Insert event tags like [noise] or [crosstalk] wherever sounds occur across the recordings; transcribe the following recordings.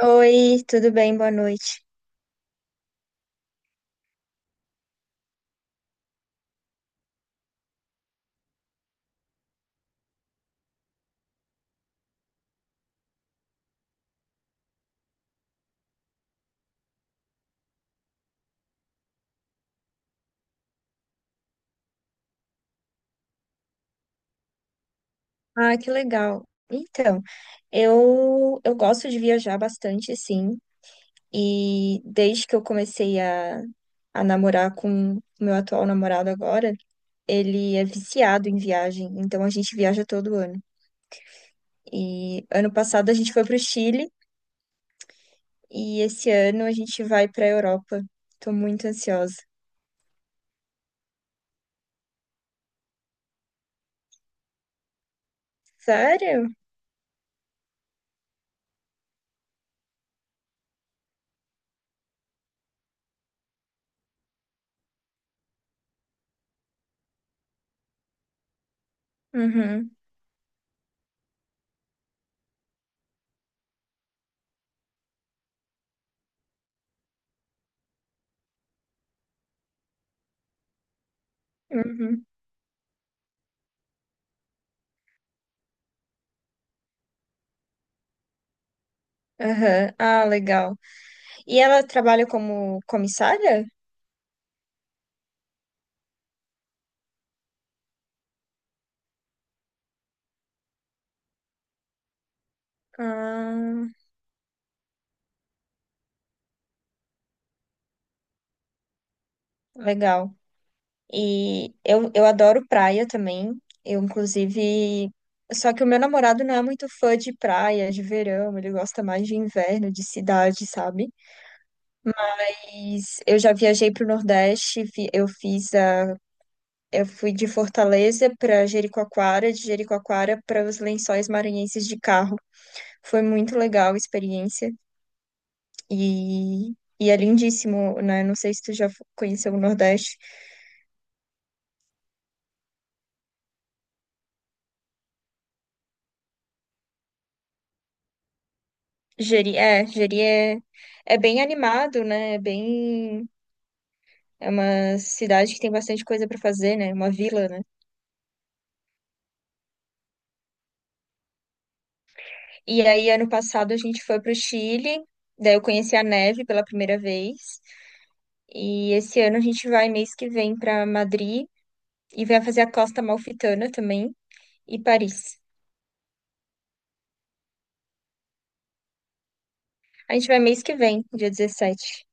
Oi, tudo bem? Boa noite. Ah, que legal. Então, eu gosto de viajar bastante, sim. E desde que eu comecei a namorar com o meu atual namorado agora, ele é viciado em viagem, então a gente viaja todo ano. E ano passado a gente foi para o Chile e esse ano a gente vai para a Europa. Tô muito ansiosa. Sério? Uhum, uhum, aham. Ah, legal. E ela trabalha como comissária? Ah, legal. E eu adoro praia também. Eu, inclusive. Só que o meu namorado não é muito fã de praia, de verão, ele gosta mais de inverno, de cidade, sabe? Mas eu já viajei para o Nordeste, eu fiz eu fui de Fortaleza para Jericoacoara, de Jericoacoara para os Lençóis Maranhenses de carro. Foi muito legal a experiência e, e é lindíssimo, né? Não sei se tu já conheceu o Nordeste. Jeri é, é bem animado, né? É bem. É uma cidade que tem bastante coisa para fazer, né? Uma vila, né? E aí, ano passado, a gente foi pro Chile, daí eu conheci a neve pela primeira vez. E esse ano a gente vai, mês que vem, para Madrid e vai fazer a Costa Amalfitana também e Paris. A gente vai mês que vem, dia 17.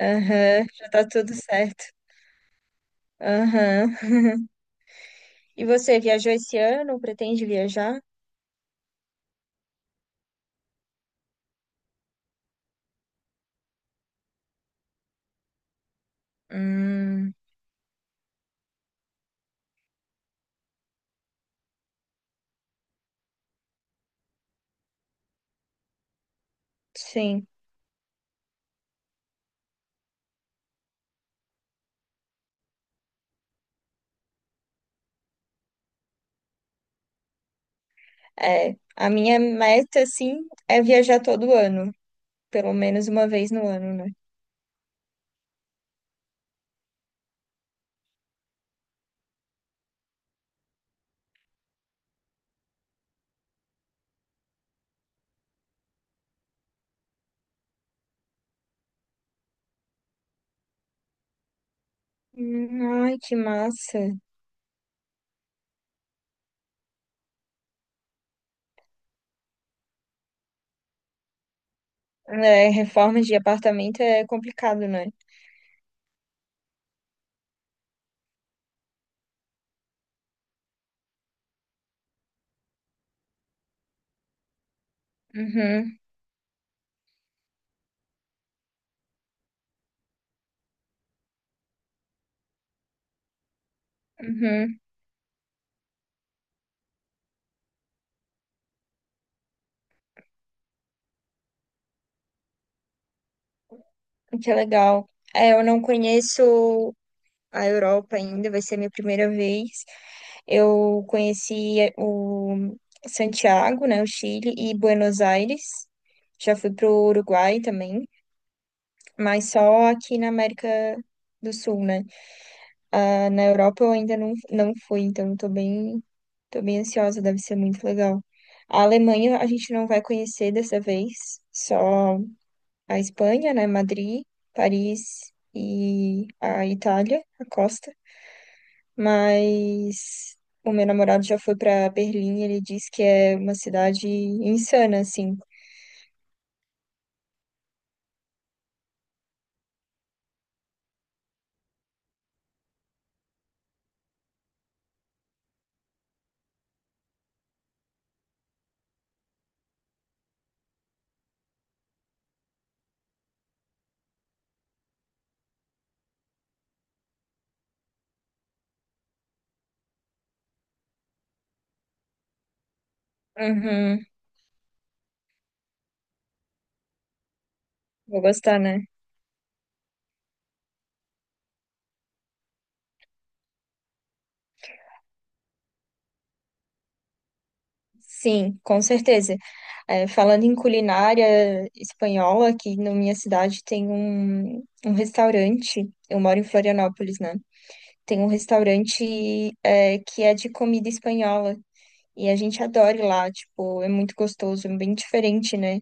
Aham, já tá tudo certo. Aham. E você viajou esse ano? Pretende viajar? Hum, sim. É, a minha meta, assim, é viajar todo ano, pelo menos uma vez no ano, né? Hum. Ai, que massa. É, reforma de apartamento é complicado, né? Uhum, uhum, que legal. É, eu não conheço a Europa ainda, vai ser a minha primeira vez. Eu conheci o Santiago, né, o Chile, e Buenos Aires. Já fui pro Uruguai também, mas só aqui na América do Sul, né? Ah, na Europa eu ainda não fui, então tô bem ansiosa, deve ser muito legal. A Alemanha a gente não vai conhecer dessa vez, só a Espanha, né? Madrid, Paris e a Itália, a costa. Mas o meu namorado já foi para Berlim, ele disse que é uma cidade insana, assim. Uhum, vou gostar, né? Sim, com certeza. É, falando em culinária espanhola, aqui na minha cidade tem um restaurante. Eu moro em Florianópolis, né? Tem um restaurante, é, que é de comida espanhola. E a gente adora ir lá, tipo, é muito gostoso, é bem diferente, né?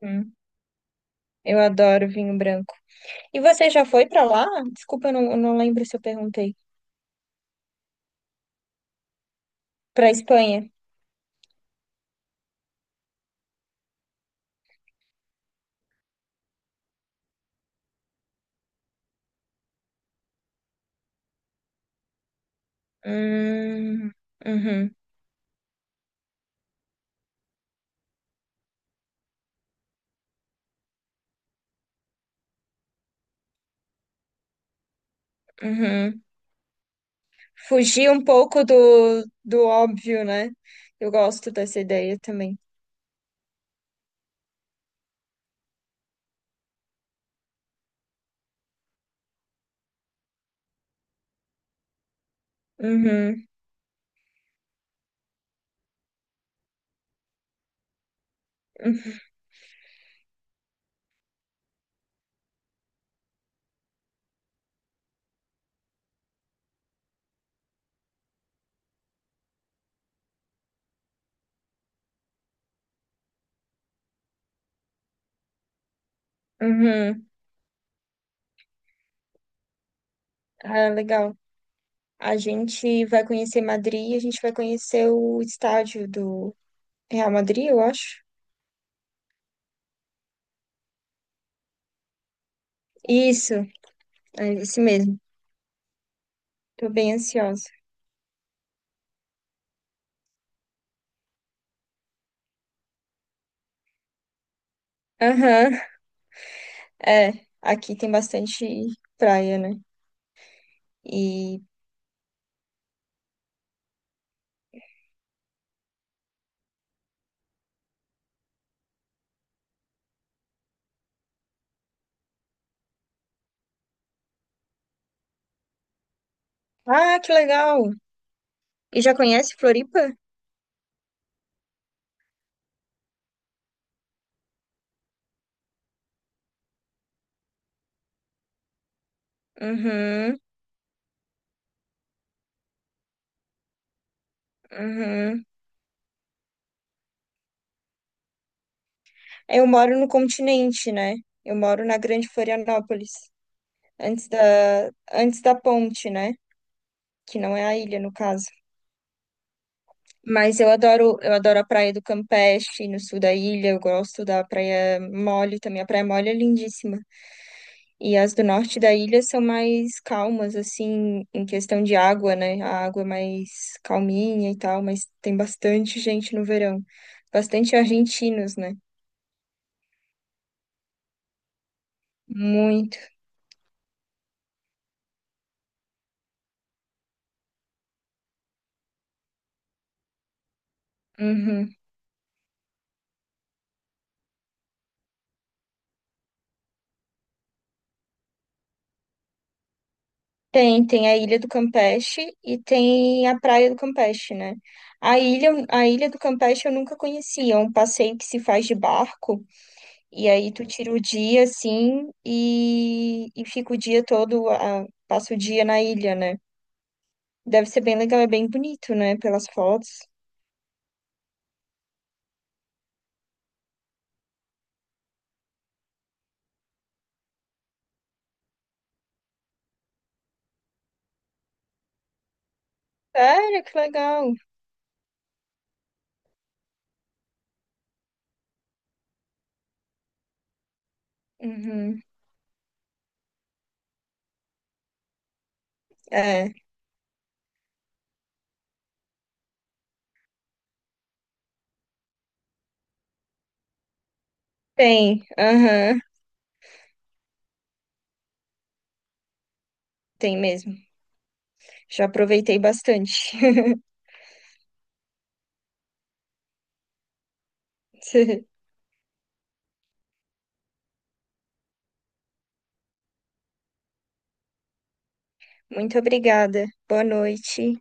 Hum, eu adoro vinho branco. E você já foi pra lá? Desculpa, eu não lembro se eu perguntei. Pra Espanha? Hum, uhum, uhum. Fugir um pouco do óbvio, né? Eu gosto dessa ideia também. Uhum, [laughs] uhum, uhum. Ah, legal. A gente vai conhecer Madrid, e a gente vai conhecer o estádio do Real Madrid, eu acho. Isso, é isso mesmo. Tô bem ansiosa. Aham, é. Aqui tem bastante praia, né? E. Ah, que legal! E já conhece Floripa? Uhum, uhum. Eu moro no continente, né? Eu moro na Grande Florianópolis, antes da ponte, né? Que não é a ilha, no caso. Mas eu adoro a praia do Campeche, no sul da ilha. Eu gosto da Praia Mole também. A Praia Mole é lindíssima. E as do norte da ilha são mais calmas, assim, em questão de água, né? A água é mais calminha e tal, mas tem bastante gente no verão. Bastante argentinos, né? Muito. Uhum. Tem, tem a Ilha do Campeche e tem a Praia do Campeche, né? A Ilha do Campeche eu nunca conhecia, é um passeio que se faz de barco, e aí tu tira o dia, assim, e fica o dia todo, ah, passa o dia na ilha, né? Deve ser bem legal, é bem bonito, né? Pelas fotos. Sério, que legal. Uhum. É, aham, tem mesmo. Já aproveitei bastante. [laughs] Muito obrigada. Boa noite.